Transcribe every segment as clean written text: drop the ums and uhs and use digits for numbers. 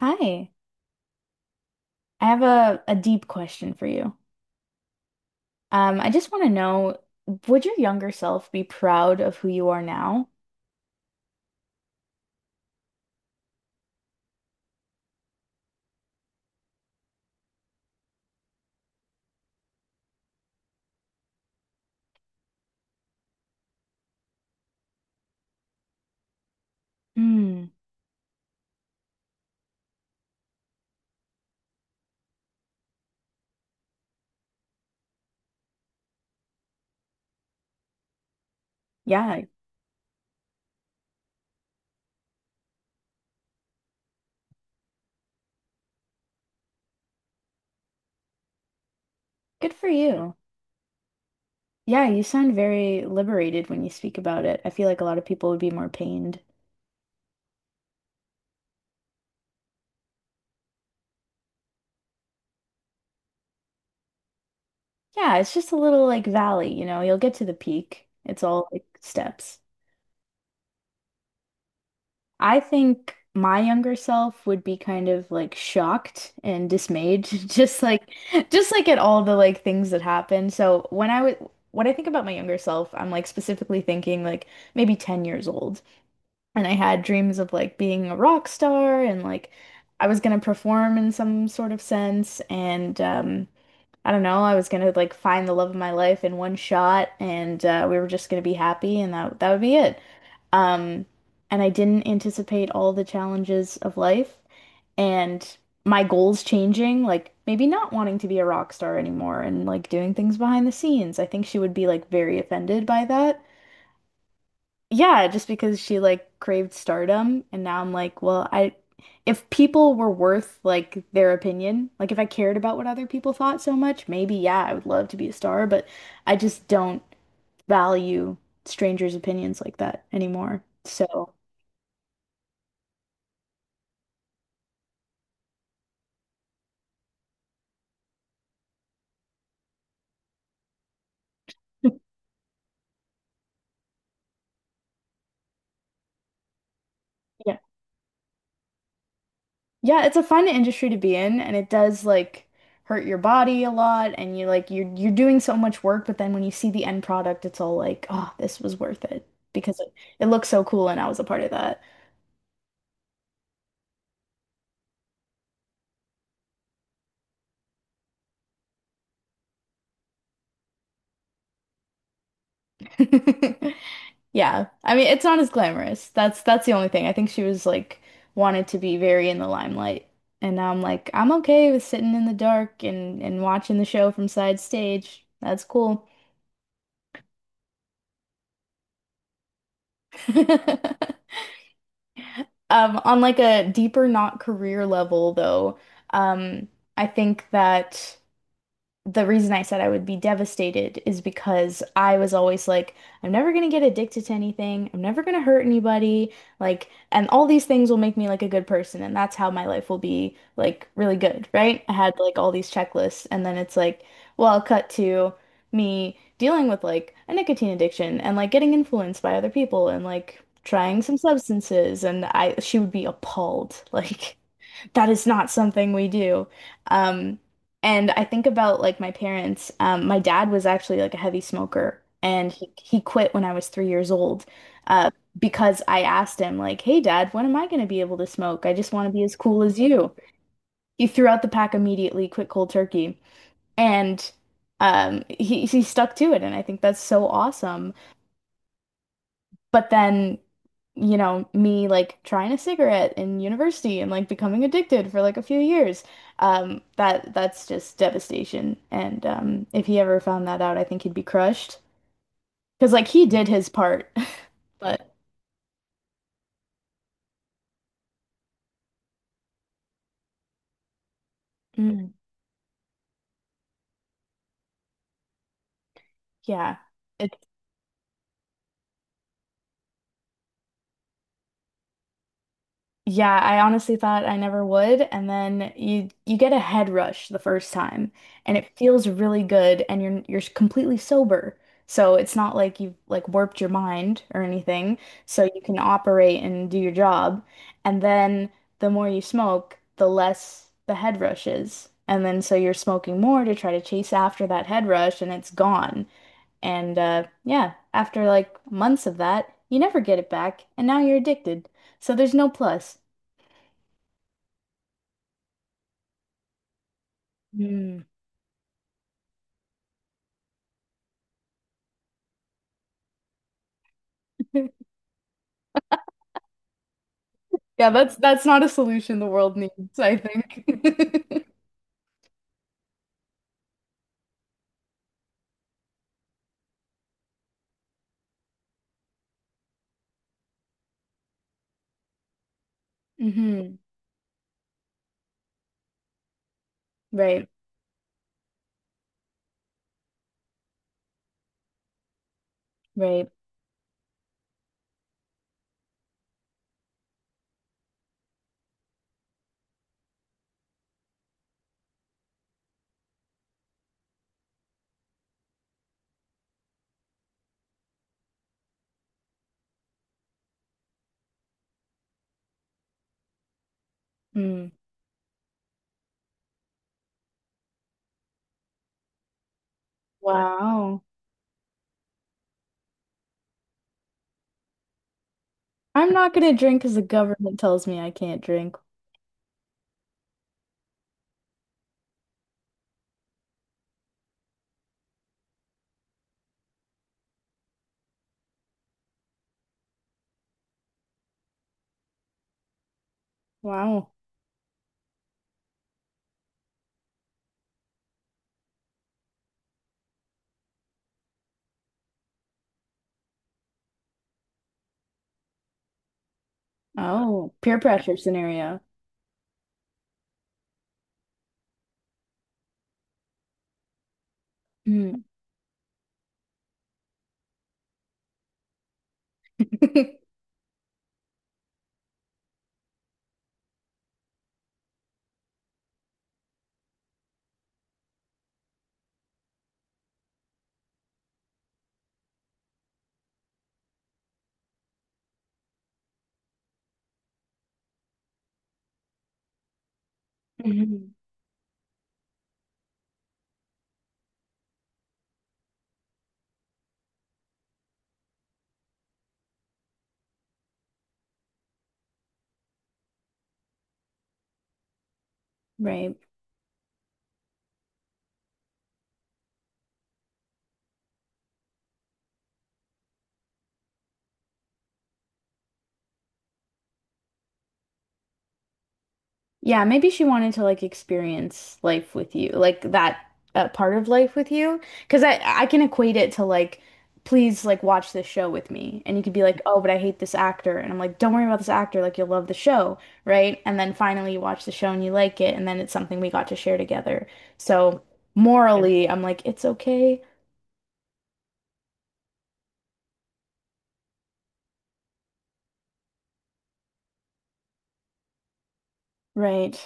Hi, I have a deep question for you. I just want to know, would your younger self be proud of who you are now? Hmm. Yeah, good for you. Yeah, you sound very liberated when you speak about it. I feel like a lot of people would be more pained. Yeah, it's just a little like valley, you'll get to the peak. It's all like steps. I think my younger self would be kind of like shocked and dismayed, just like at all the like things that happened. So when I think about my younger self, I'm like specifically thinking like maybe 10 years old. And I had dreams of like being a rock star and like I was gonna perform in some sort of sense, and I don't know, I was gonna like find the love of my life in one shot, and we were just gonna be happy and that would be it. Um, and I didn't anticipate all the challenges of life and my goals changing, like maybe not wanting to be a rock star anymore and like doing things behind the scenes. I think she would be like very offended by that, yeah, just because she like craved stardom, and now I'm like, well, I if people were worth like their opinion, like if I cared about what other people thought so much, maybe yeah, I would love to be a star, but I just don't value strangers' opinions like that anymore. So, yeah. Yeah, it's a fun industry to be in, and it does like hurt your body a lot, and you like you're doing so much work, but then when you see the end product, it's all like, oh, this was worth it, because it, looks so cool, and I was a part of that. Yeah. I mean, it's not as glamorous. That's the only thing. I think she was like wanted to be very in the limelight. And now I'm like, I'm okay with sitting in the dark and watching the show from side stage. That's cool. On like a deeper, not career level though, um, I think that the reason I said I would be devastated is because I was always like, I'm never gonna get addicted to anything. I'm never gonna hurt anybody. Like, and all these things will make me like a good person, and that's how my life will be like really good, right? I had like all these checklists, and then it's like, well, cut to me dealing with like a nicotine addiction and like getting influenced by other people and like trying some substances, and I she would be appalled. Like, that is not something we do. Um, and I think about like my parents. My dad was actually like a heavy smoker, and he quit when I was 3 years old, uh, because I asked him like, "Hey, Dad, when am I going to be able to smoke? I just want to be as cool as you." He threw out the pack immediately, quit cold turkey, and he stuck to it, and I think that's so awesome. But then, you know, me like trying a cigarette in university and like becoming addicted for like a few years. That's just devastation. And if he ever found that out, I think he'd be crushed. Because like he did his part. But mm, yeah. it Yeah, I honestly thought I never would, and then you get a head rush the first time, and it feels really good, and you're completely sober, so it's not like you've like warped your mind or anything, so you can operate and do your job, and then the more you smoke, the less the head rush is, and then so you're smoking more to try to chase after that head rush, and it's gone, and yeah, after like months of that, you never get it back, and now you're addicted, so there's no plus. Mm. Yeah, that's not a solution the world needs, I think. hmm Right, right. Mm. Wow. I'm not gonna drink because the government tells me I can't drink. Wow. Oh, peer pressure scenario. Mm. Mhm. Right. Yeah, maybe she wanted to like experience life with you, like that part of life with you. Because I can equate it to like, please like watch this show with me, and you could be like, oh, but I hate this actor, and I'm like, don't worry about this actor, like you'll love the show, right? And then finally you watch the show and you like it, and then it's something we got to share together. So yeah. Morally, I'm like, it's okay, right?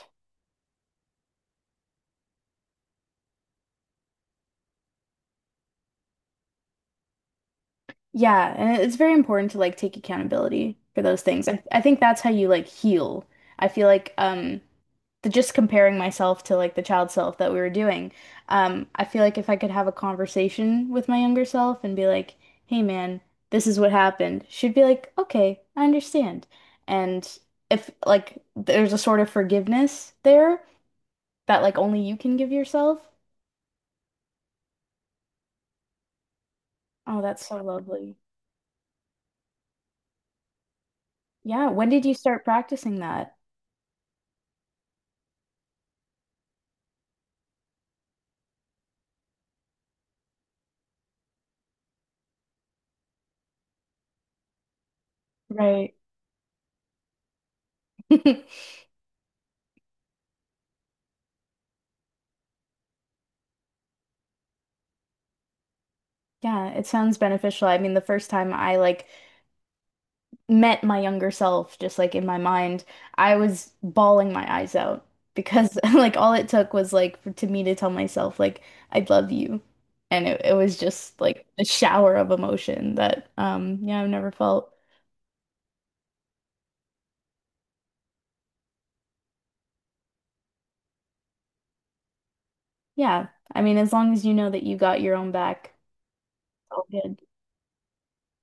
Yeah, and it's very important to like take accountability for those things. I think that's how you like heal. I feel like the just comparing myself to like the child self that we were doing. I feel like if I could have a conversation with my younger self and be like, "Hey man, this is what happened." She'd be like, "Okay, I understand." And if like there's a sort of forgiveness there that like only you can give yourself. Oh, that's so lovely. Yeah, when did you start practicing that? Right. Yeah, it sounds beneficial. I mean, the first time I like met my younger self, just like in my mind, I was bawling my eyes out because like all it took was like to me to tell myself like I love you. And it was just like a shower of emotion that yeah, I've never felt. Yeah. I mean, as long as you know that you got your own back, it's all good.